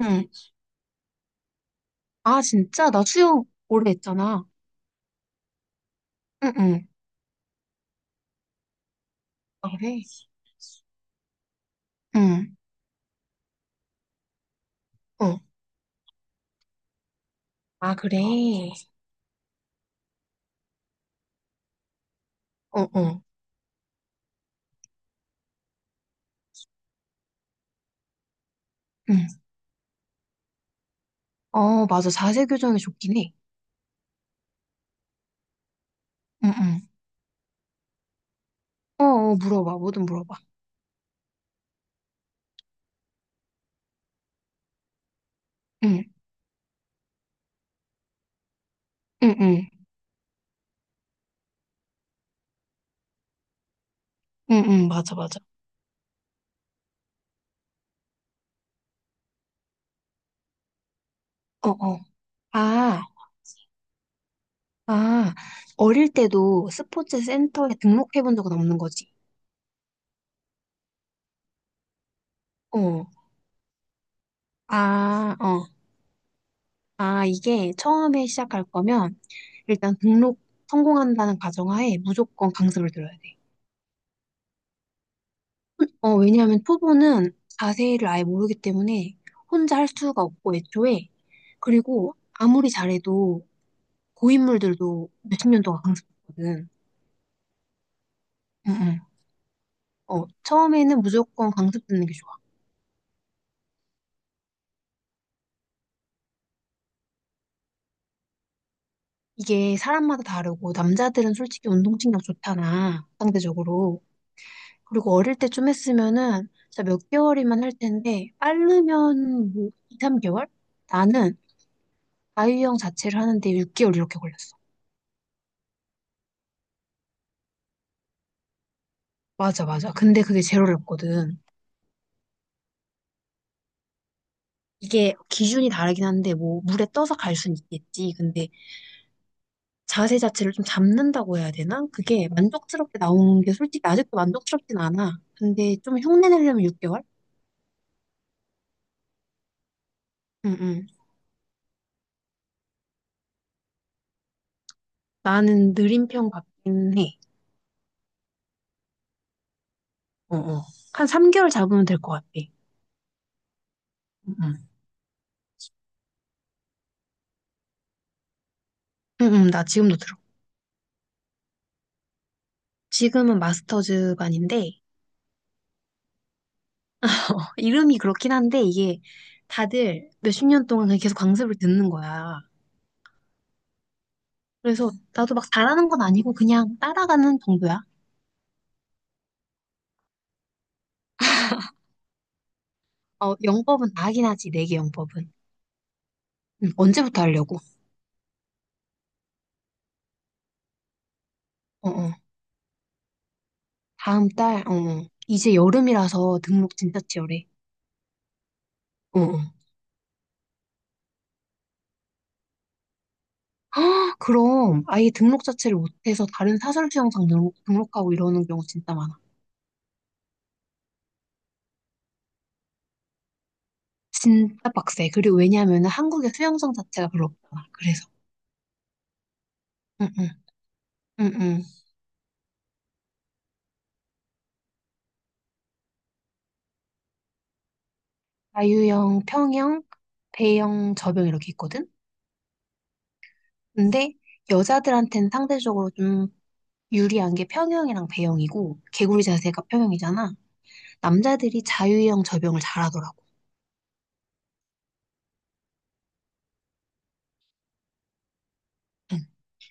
응. 아, 진짜? 나 수영 오래 했잖아. 응, 응. 아, 그래? 응. 어. 아, 그래. 어, 어. 응. 어, 맞아. 자세 교정이 좋긴 해. 응, 응. 어, 어, 물어봐. 뭐든 물어봐. 응, 응, 응. 응, 응. 맞아, 맞아. 어, 어. 아, 아. 어릴 때도 스포츠 센터에 등록해 본 적은 없는 거지. 어. 아, 어. 아, 이게 처음에 시작할 거면 일단 등록 성공한다는 가정하에 무조건 강습을 들어야 돼. 어, 왜냐하면 초보는 자세를 아예 모르기 때문에 혼자 할 수가 없고 애초에 그리고 아무리 잘해도 고인물들도 몇십 년 동안 강습하거든. 응, 응. 어, 처음에는 무조건 강습 듣는 게 좋아. 이게 사람마다 다르고 남자들은 솔직히 운동신경 좋잖아, 상대적으로. 그리고 어릴 때 좀 했으면은 진짜 몇 개월이면 할 텐데 빠르면 뭐 2~3개월? 나는 아이유형 자체를 하는데 6개월 이렇게 걸렸어. 맞아, 맞아. 근데 그게 제일 어렵거든. 이게 기준이 다르긴 한데 뭐 물에 떠서 갈 순 있겠지. 근데 자세 자체를 좀 잡는다고 해야 되나? 그게 만족스럽게 나오는 게 솔직히 아직도 만족스럽진 않아. 근데 좀 흉내 내려면 6개월? 응, 응. 나는 느린 편 같긴 해. 어, 어. 한 3개월 잡으면 될 것 같아. 응, 응. 응, 응, 나 지금도 들어. 지금은 마스터즈 반인데 이름이 그렇긴 한데 이게 다들 몇십 년 동안 그냥 계속 강습을 듣는 거야. 그래서 나도 막 잘하는 건 아니고 그냥 따라가는 정도야. 어, 영법은 나긴 하지, 내게 영법은. 응, 언제부터 하려고? 어, 어. 다음 달? 어, 어. 이제 여름이라서 등록 진짜 치열해. 어, 어. 아, 그럼 아예 등록 자체를 못해서 다른 사설 수영장 등록하고 이러는 경우 진짜 많아. 진짜 빡세. 그리고 왜냐면은 하 한국의 수영장 자체가 별로 없잖아. 그래서. 응, 응, 응, 응. 자유형, 평형, 배영, 접영 이렇게 있거든? 근데 여자들한테는 상대적으로 좀 유리한 게 평형이랑 배영이고, 개구리 자세가 평형이잖아. 남자들이 자유형 접영을 잘하더라고. 응.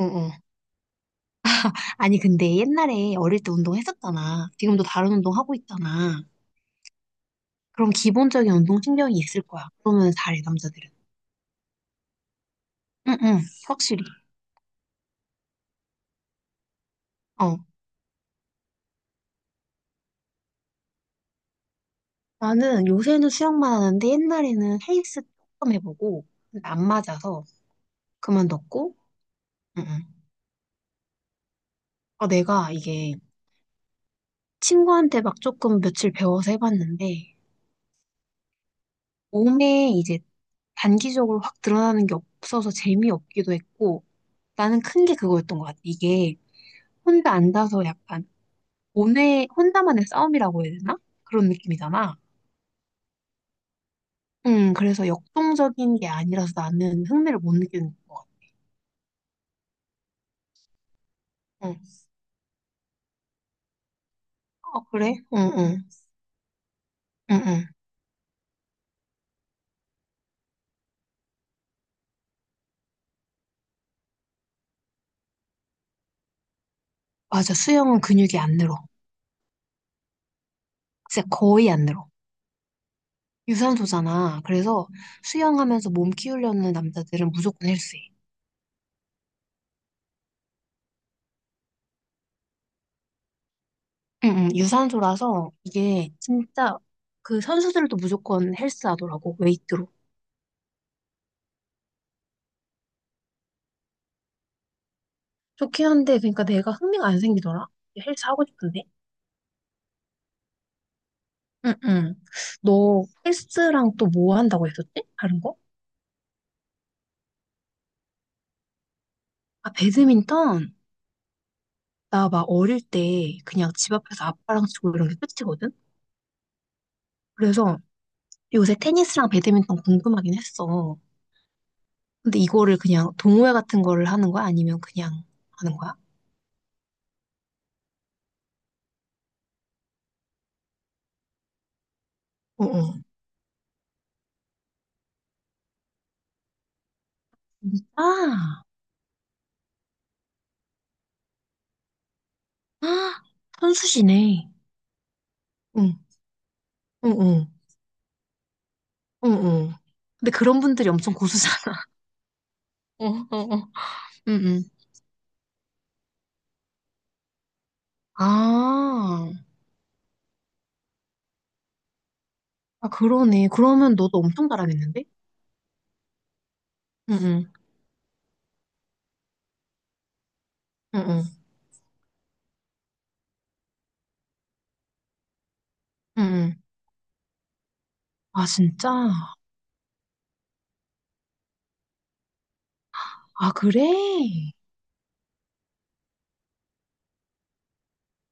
응, 응. 아니, 근데 옛날에 어릴 때 운동했었잖아. 지금도 다른 운동 하고 있잖아. 그럼 기본적인 운동신경이 있을 거야. 그러면 잘해, 남자들은. 응, 응, 확실히. 어. 나는 요새는 수영만 하는데 옛날에는 헬스 조금 해보고, 근데 안 맞아서 그만뒀고, 응, 응. 아 내가 이게 친구한테 막 조금 며칠 배워서 해봤는데, 몸에 이제 단기적으로 확 드러나는 게 없어서 재미없기도 했고, 나는 큰 게 그거였던 것 같아. 이게 혼자 앉아서 약간 혼자만의 싸움이라고 해야 되나? 그런 느낌이잖아. 응, 그래서 역동적인 게 아니라서 나는 흥미를 못 느끼는 것 같아. 응. 어, 그래? 응, 응, 응, 응. 맞아, 수영은 근육이 안 늘어. 진짜 거의 안 늘어. 유산소잖아. 그래서 수영하면서 몸 키우려는 남자들은 무조건 헬스해. 응, 응, 유산소라서 이게 진짜 그 선수들도 무조건 헬스 하더라고, 웨이트로. 좋긴 한데, 그러니까 내가 흥미가 안 생기더라? 헬스 하고 싶은데? 응, 응. 너 헬스랑 또 뭐 한다고 했었지? 다른 거? 아, 배드민턴? 나 막 어릴 때 그냥 집 앞에서 아빠랑 치고 이런 게 끝이거든? 그래서 요새 테니스랑 배드민턴 궁금하긴 했어. 근데 이거를 그냥 동호회 같은 거를 하는 거야? 아니면 그냥 하는 거야? 어, 어. 아, 아, 선수시네. 응, 응, 응, 응, 응. 근데 그런 분들이 엄청 고수잖아. 응, 응, 응, 응. 응. 아, 아, 그러네. 그러면 너도 엄청 잘하겠는데? 응, 응, 응, 응, 응. 응. 아, 진짜? 아, 그래?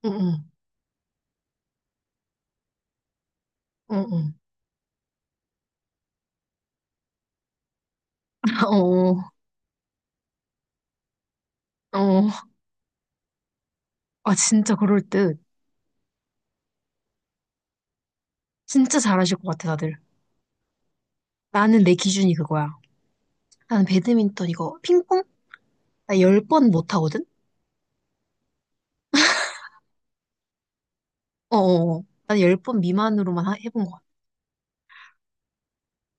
응, 응, 응, 응. 어, 어. 아, 진짜 그럴 듯. 진짜 잘하실 것 같아, 다들. 나는 내 기준이 그거야. 나는 배드민턴 이거 핑퐁? 나 열 번 못하거든? 어어어. 난 열 번 미만으로만 해본 것 같아.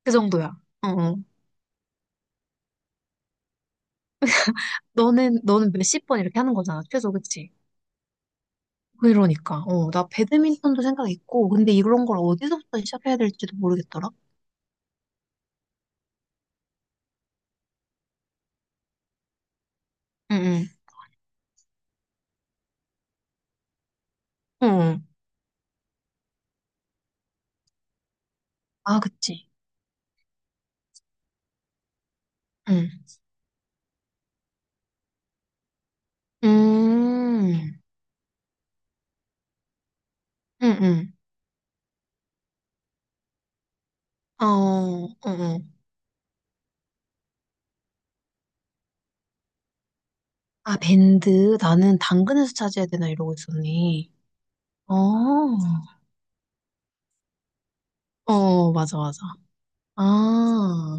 그 정도야. 어어. 너는, 너는 몇십 번 이렇게 하는 거잖아, 최소, 그치? 그러니까, 어, 나 배드민턴도 생각 있고, 근데 이런 걸 어디서부터 시작해야 될지도 모르겠더라? 응, 응, 응. 아, 그치. 응. 음, 응, 응. 어, 어, 어. 아, 밴드. 나는 당근에서 찾아야 되나 이러고 있었니 어, 어, 맞아, 맞아. 아,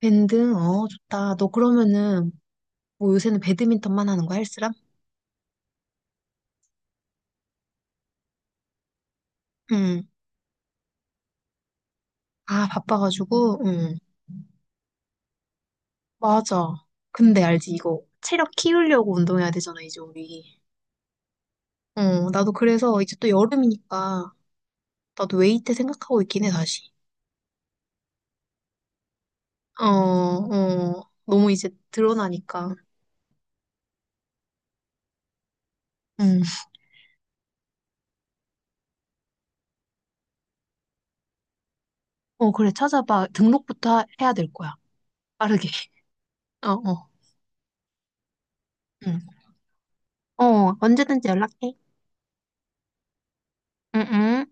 밴드. 어, 좋다. 너 그러면은, 뭐 요새는 배드민턴만 하는 거야, 헬스랑? 응, 아, 바빠가지고, 응. 맞아. 근데 알지, 이거. 체력 키우려고 운동해야 되잖아, 이제 우리. 어, 나도 그래서 이제 또 여름이니까 나도 웨이트 생각하고 있긴 해, 다시. 어, 어, 너무 이제 드러나니까. 응. 어, 그래, 찾아봐. 등록부터 해야 될 거야. 빠르게. 어, 어. 응. 어, 언제든지 연락해. 응, 응.